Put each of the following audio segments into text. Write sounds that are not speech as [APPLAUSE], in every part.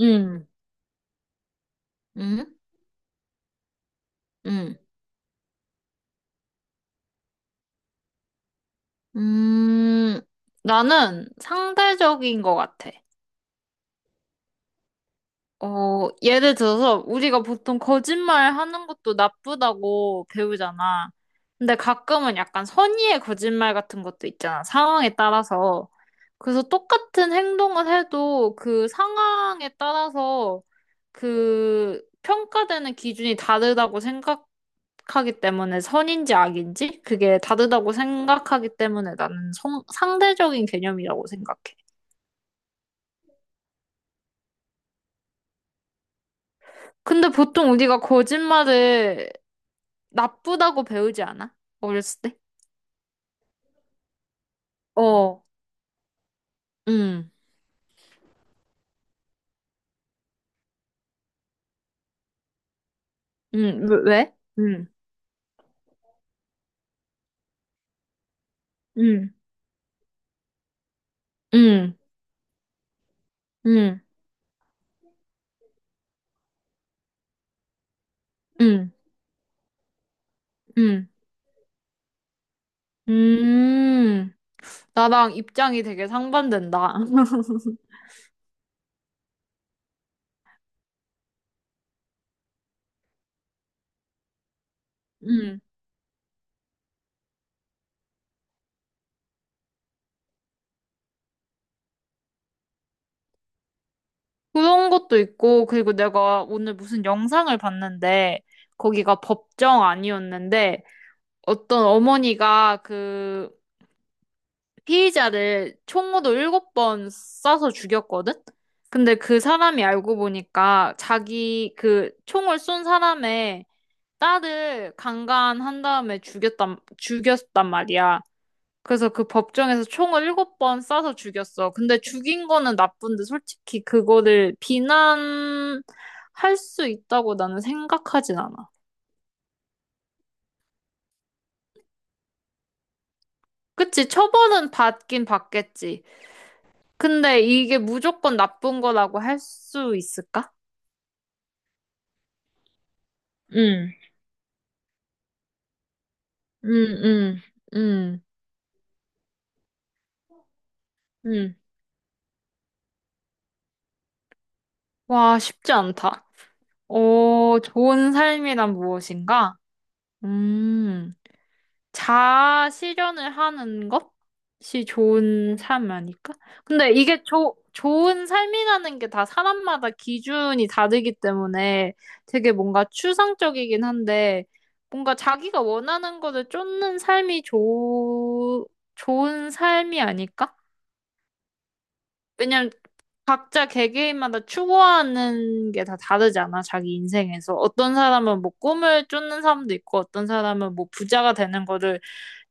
음, 음, 음, 음, 나는 상대적인 것 같아. 예를 들어서 우리가 보통 거짓말 하는 것도 나쁘다고 배우잖아. 근데 가끔은 약간 선의의 거짓말 같은 것도 있잖아. 상황에 따라서. 그래서 똑같은 행동을 해도 그 상황에 따라서 그 평가되는 기준이 다르다고 생각 하기 때문에 선인지 악인지 그게 다르다고 생각하기 때문에 나는 상대적인 개념이라고 생각해. 근데 보통 우리가 거짓말을 나쁘다고 배우지 않아? 어렸을 때? 어, 응, 응, 왜? 응, 응, 응, 응, 응, 응, 음. 나랑 입장이 되게 상반된다. [LAUGHS] 음. 그런 것도 있고, 그리고 내가 오늘 무슨 영상을 봤는데, 거기가 법정 아니었는데, 어떤 어머니가 그 피의자를 총으로 7번 쏴서 죽였거든? 근데 그 사람이 알고 보니까 자기 그 총을 쏜 사람의 딸을 강간한 다음에 죽였단 말이야. 그래서 그 법정에서 총을 7번 쏴서 죽였어. 근데 죽인 거는 나쁜데 솔직히 그거를 비난할 수 있다고 나는 생각하진 않아. 그치? 처벌은 받긴 받겠지. 근데 이게 무조건 나쁜 거라고 할 수 있을까? 응, 응, 응, 응, 응. 와, 쉽지 않다. 오, 좋은 삶이란 무엇인가? 음. 자아실현을 하는 것이 좋은 삶 아닐까? 근데 이게 좋은 삶이라는 게 다 사람마다 기준이 다르기 때문에 되게 뭔가 추상적이긴 한데 뭔가 자기가 원하는 거를 쫓는 삶이 좋은 삶이 아닐까? 왜냐면 각자 개개인마다 추구하는 게 다 다르잖아, 자기 인생에서. 어떤 사람은 뭐 꿈을 쫓는 사람도 있고, 어떤 사람은 뭐 부자가 되는 거를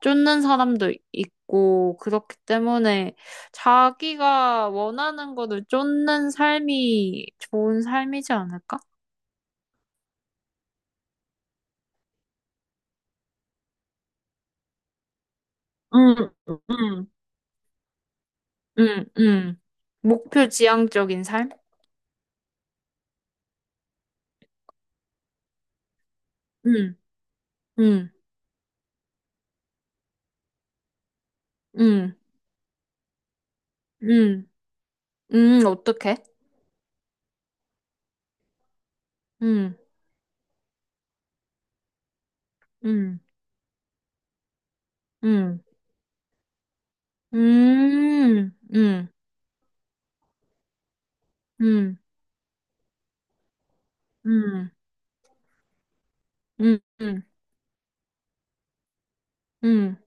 쫓는 사람도 있고, 그렇기 때문에 자기가 원하는 거를 쫓는 삶이 좋은 삶이지 않을까? 응, 응, 응, 응. 목표 지향적인 삶? 응, 응, 응, 응, 응, 어떡해? 응, 응, 응, 응, 응, 응, 응, 응, 응, 응, 응,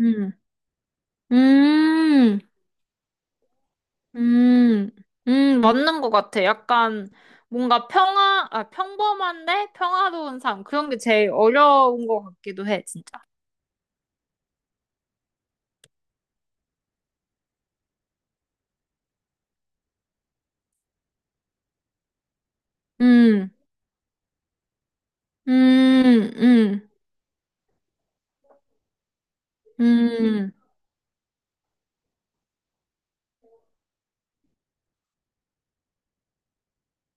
응, 응, 음, 맞는 것 같아. 약간 뭔가 평범한데 평화로운 삶. 그런 게 제일 어려운 것 같기도 해, 진짜. 음, 음, 음, 음,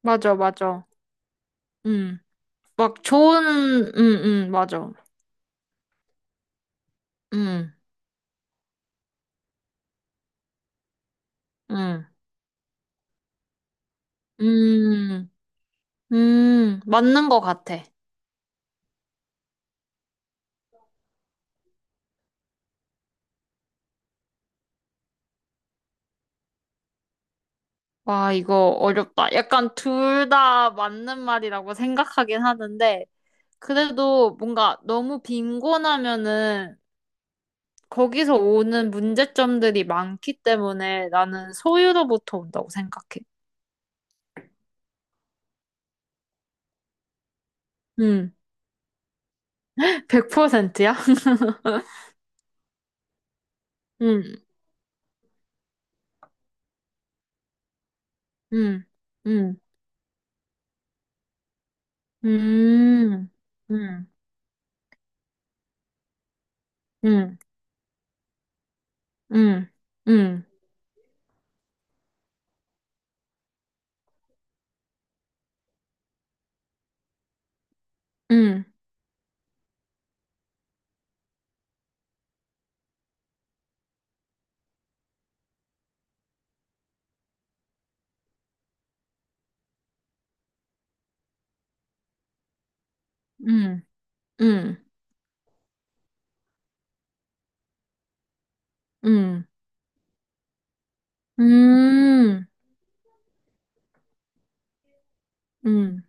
맞아, 맞아. 음, 막 좋은, 맞아. 음, 음, 음, 맞는 것 같아. 와, 이거 어렵다. 약간 둘 다 맞는 말이라고 생각하긴 하는데, 그래도 뭔가 너무 빈곤하면은 거기서 오는 문제점들이 많기 때문에 나는 소유로부터 온다고 생각해. 음, 100%야? [LAUGHS] 음, 음, 음, 음, 음, 음, 음, 음, 음, 음, 음, 음, 음, 음.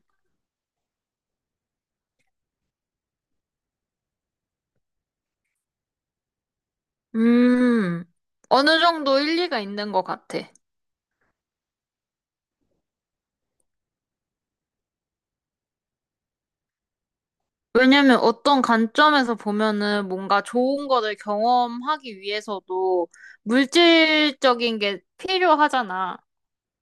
음, [LAUGHS] 어느 정도 일리가 있는 것 같아. 왜냐면 어떤 관점에서 보면은 뭔가 좋은 거를 경험하기 위해서도 물질적인 게 필요하잖아.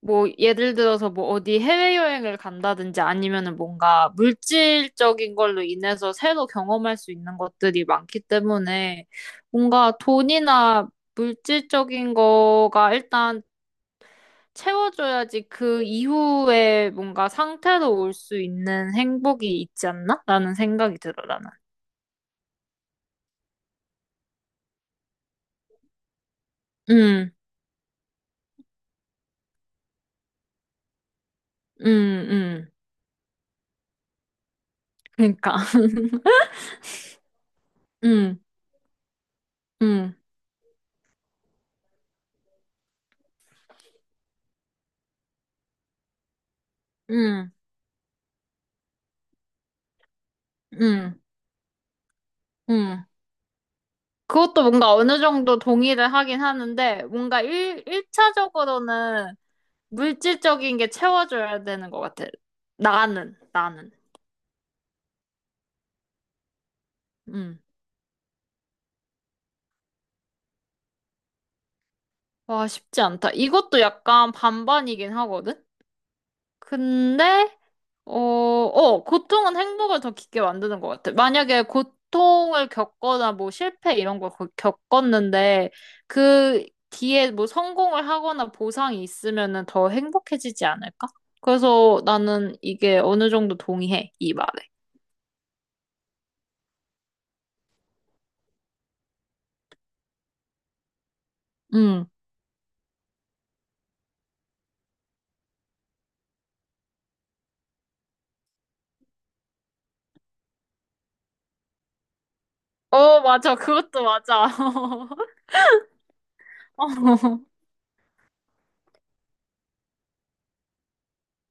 뭐 예를 들어서 뭐 어디 해외여행을 간다든지 아니면은 뭔가 물질적인 걸로 인해서 새로 경험할 수 있는 것들이 많기 때문에 뭔가 돈이나 물질적인 거가 일단 채워줘야지 그 이후에 뭔가 상태로 올 수 있는 행복이 있지 않나? 라는 생각이 들어, 나는. 응, 응, 응. 그러니까. [LAUGHS] 응, 응, 응, 응, 응. 그것도 뭔가 어느 정도 동의를 하긴 하는데, 뭔가 일차적으로는 물질적인 게 채워줘야 되는 것 같아. 나는. 응. 와, 쉽지 않다. 이것도 약간 반반이긴 하거든? 근데, 고통은 행복을 더 깊게 만드는 것 같아. 만약에 고통을 겪거나 뭐 실패 이런 걸 겪었는데 그 뒤에 뭐 성공을 하거나 보상이 있으면은 더 행복해지지 않을까? 그래서 나는 이게 어느 정도 동의해, 이 말에. 응. 어, 맞아. 그것도 맞아. [LAUGHS]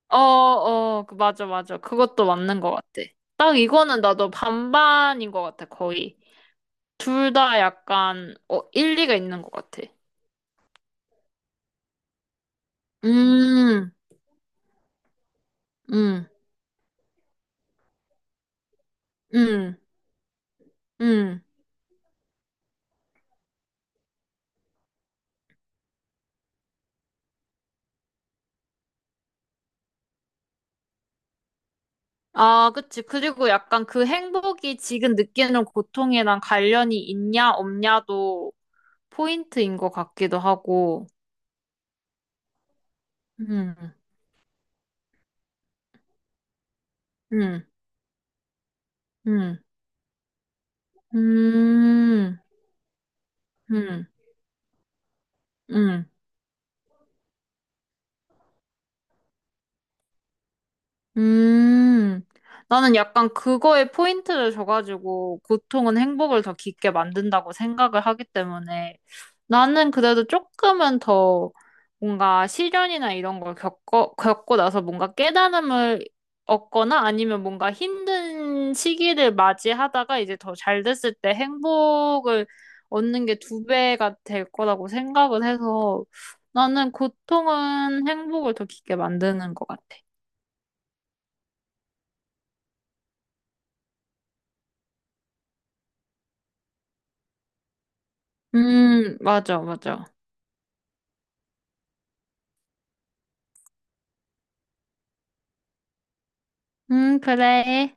어, 어, 맞아, 맞아. 그것도 맞는 것 같아. 딱 이거는 나도 반반인 것 같아, 거의. 둘 다 약간, 일리가 있는 것 같아. 음, 음, 음, 음. 아, 그치. 그리고 약간 그 행복이 지금 느끼는 고통이랑 관련이 있냐, 없냐도 포인트인 것 같기도 하고. 음, 음, 음, 음, 음, 음. 음, 나는 약간 그거에 포인트를 줘가지고 고통은 행복을 더 깊게 만든다고 생각을 하기 때문에 나는 그래도 조금은 더 뭔가 시련이나 이런 걸 겪고 나서 뭔가 깨달음을 얻거나 아니면 뭔가 힘든 시기를 맞이하다가 이제 더 잘 됐을 때 행복을 얻는 게 두 배가 될 거라고 생각을 해서 나는 고통은 행복을 더 깊게 만드는 것 같아. 맞아, 맞아. 그래.